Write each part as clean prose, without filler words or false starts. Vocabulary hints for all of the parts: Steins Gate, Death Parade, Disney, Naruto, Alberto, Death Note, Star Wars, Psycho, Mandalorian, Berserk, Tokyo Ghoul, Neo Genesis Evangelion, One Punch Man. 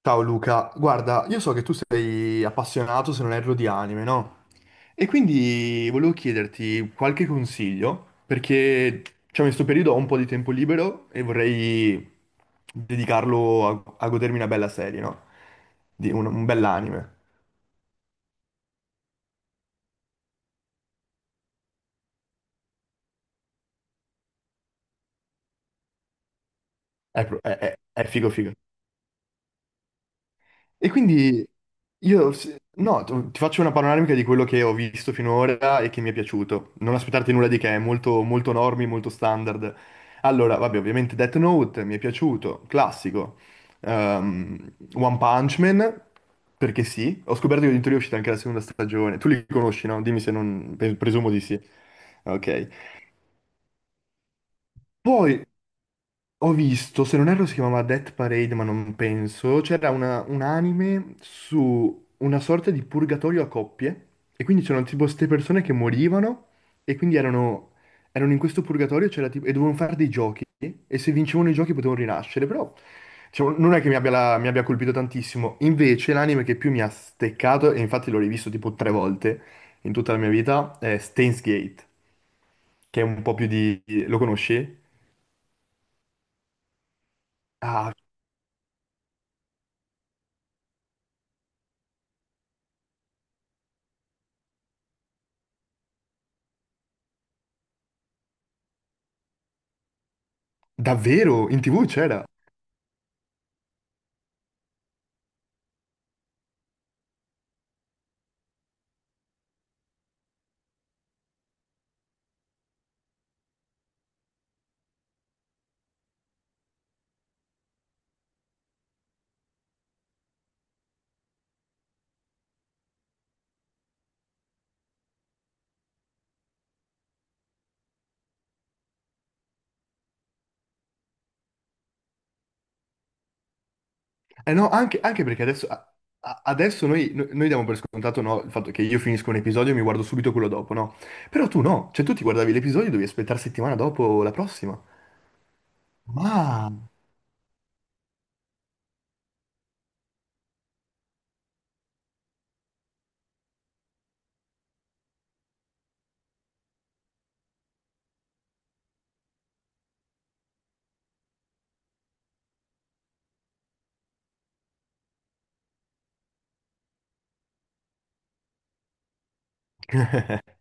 Ciao Luca, guarda, io so che tu sei appassionato, se non erro, di anime, no? E quindi volevo chiederti qualche consiglio, perché diciamo, in questo periodo ho un po' di tempo libero e vorrei dedicarlo a godermi una bella serie, no? Di un bell'anime. È, pro- è figo figo. E quindi io, se- no, t- ti faccio una panoramica di quello che ho visto finora e che mi è piaciuto. Non aspettarti nulla di che, è molto, molto normi, molto standard. Allora, vabbè, ovviamente Death Note mi è piaciuto, classico. One Punch Man, perché sì. Ho scoperto che addirittura è uscita anche la seconda stagione. Tu li conosci, no? Dimmi se non, presumo di sì. Ok. Poi ho visto, se non erro si chiamava Death Parade, ma non penso, c'era un anime su una sorta di purgatorio a coppie e quindi c'erano tipo queste persone che morivano e quindi erano in questo purgatorio, e dovevano fare dei giochi e se vincevano i giochi potevano rinascere, però diciamo, non è che mi abbia colpito tantissimo. Invece l'anime che più mi ha steccato, e infatti l'ho rivisto tipo tre volte in tutta la mia vita, è Steins Gate, che è un po' più di. Lo conosci? Ah, davvero? In TV c'era? Eh no, anche, anche perché adesso, adesso noi, noi diamo per scontato, no, il fatto che io finisco un episodio e mi guardo subito quello dopo, no? Però tu no, cioè tu ti guardavi l'episodio e dovevi aspettare settimana dopo la prossima. Ma.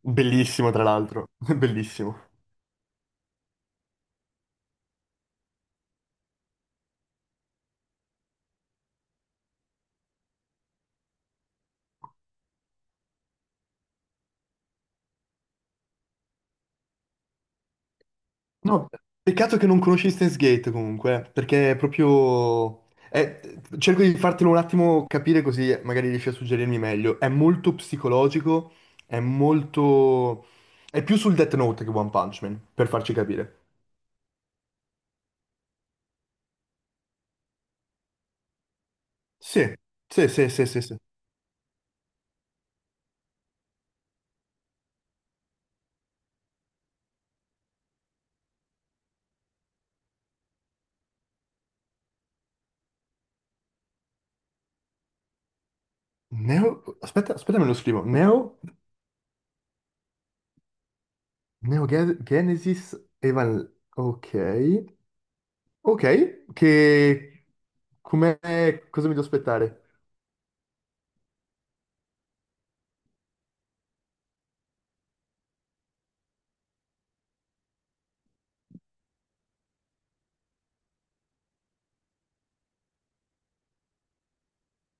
Bellissimo, tra l'altro. Bellissimo. No, peccato che non conosci Steins Gate comunque, perché è proprio. è- Cerco di fartelo un attimo capire così magari riesci a suggerirmi meglio. È molto psicologico, è molto. È più sul Death Note che One Punch Man, per farci capire. Sì, sì, sì, sì, sì, sì. Neo. Aspetta, aspetta, me lo scrivo. Neo. Genesis Evan. Ok. Ok, che. Come. Cosa mi devo aspettare?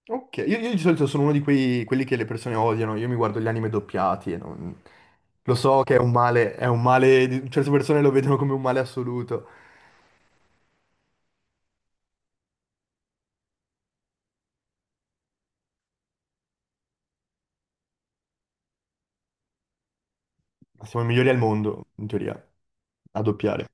Ok, io di solito sono uno di quei, quelli che le persone odiano, io mi guardo gli anime doppiati e non. Lo so che è un male, certe persone lo vedono come un male assoluto, ma siamo i migliori al mondo, in teoria, a doppiare.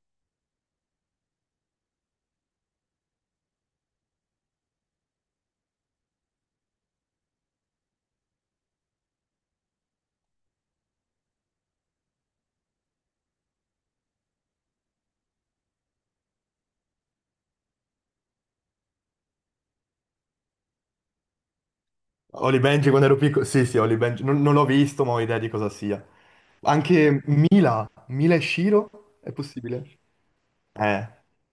Holly Benji quando ero piccolo, sì sì, Holly Benji, non l'ho visto ma ho idea di cosa sia. Anche Mila e Shiro, è possibile? Eh,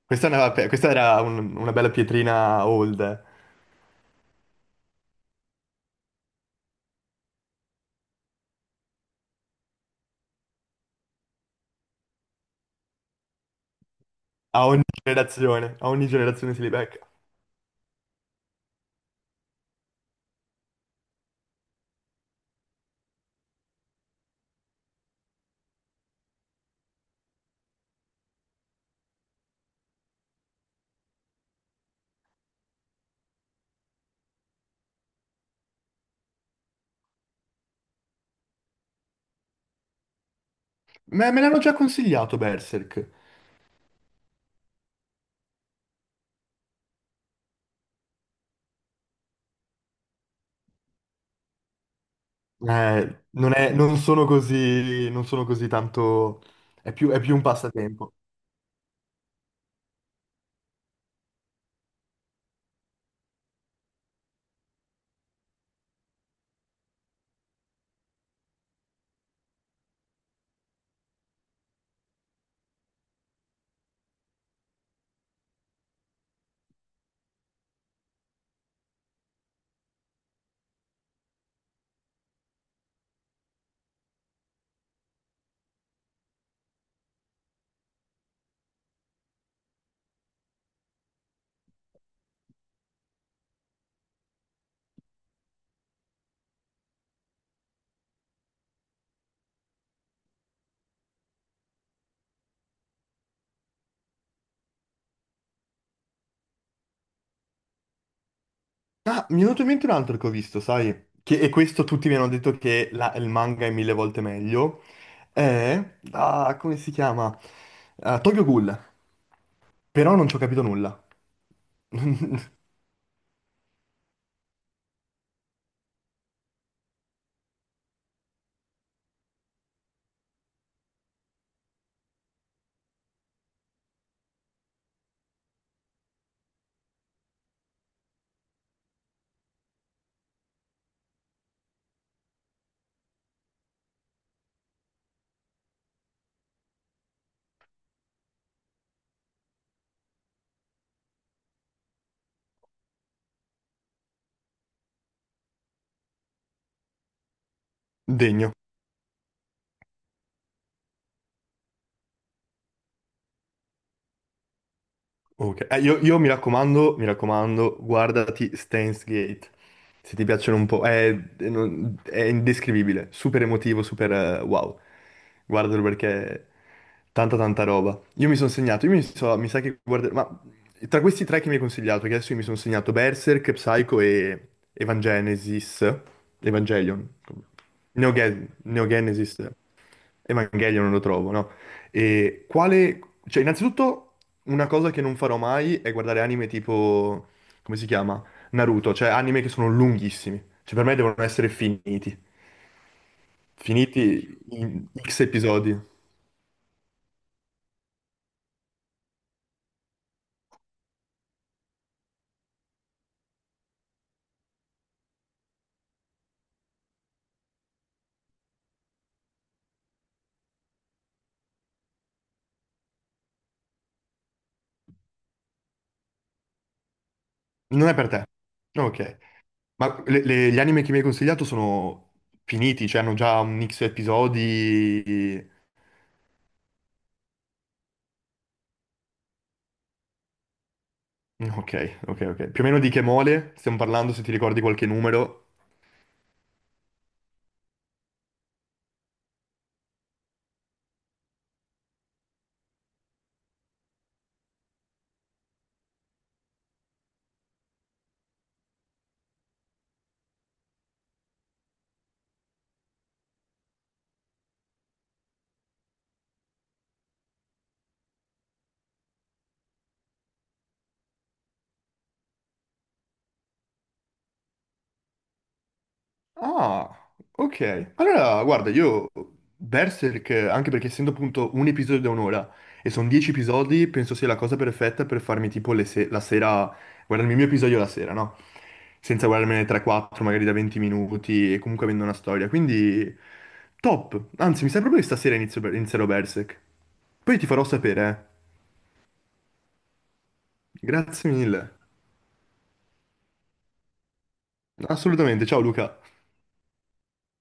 questa, è questa era una bella pietrina old, eh. A ogni generazione si li becca. Me, me l'hanno già consigliato Berserk. Non sono così, non sono così tanto, è più un passatempo. Ah, mi è venuto in mente un altro che ho visto, sai? Che, e questo tutti mi hanno detto che il manga è mille volte meglio. È, ah, come si chiama? Ah, Tokyo Ghoul. Però non ci ho capito nulla. Degno. Ok. Io mi raccomando, guardati Steins Gate. Se ti piacciono un po'. È, è indescrivibile. Super emotivo, super wow. Guardalo perché tanta tanta roba. Io mi sono segnato, mi sa che guarderò, ma tra questi tre che mi hai consigliato, che adesso io mi sono segnato Berserk, Psycho e Evangenesis, Evangelion, Neogenesis, Evangelion non lo trovo, no? E quale, cioè innanzitutto una cosa che non farò mai è guardare anime tipo, come si chiama? Naruto, cioè anime che sono lunghissimi, cioè per me devono essere finiti, finiti in X episodi. Non è per te. Ok. Ma gli anime che mi hai consigliato sono finiti, cioè hanno già un X episodi. Ok, ok, ok. Più o meno di che mole stiamo parlando, se ti ricordi qualche numero. Ah, ok. Allora, guarda, io Berserk, anche perché essendo appunto un episodio da un'ora e sono 10 episodi, penso sia la cosa perfetta per farmi tipo le se- la sera, guardarmi il mio episodio la sera, no? Senza guardarmene 3-4 magari da 20 minuti e comunque avendo una storia. Quindi top. Anzi, mi sa proprio che stasera inizio, inizierò Berserk. Poi ti farò sapere, eh. Grazie mille. Assolutamente, ciao Luca.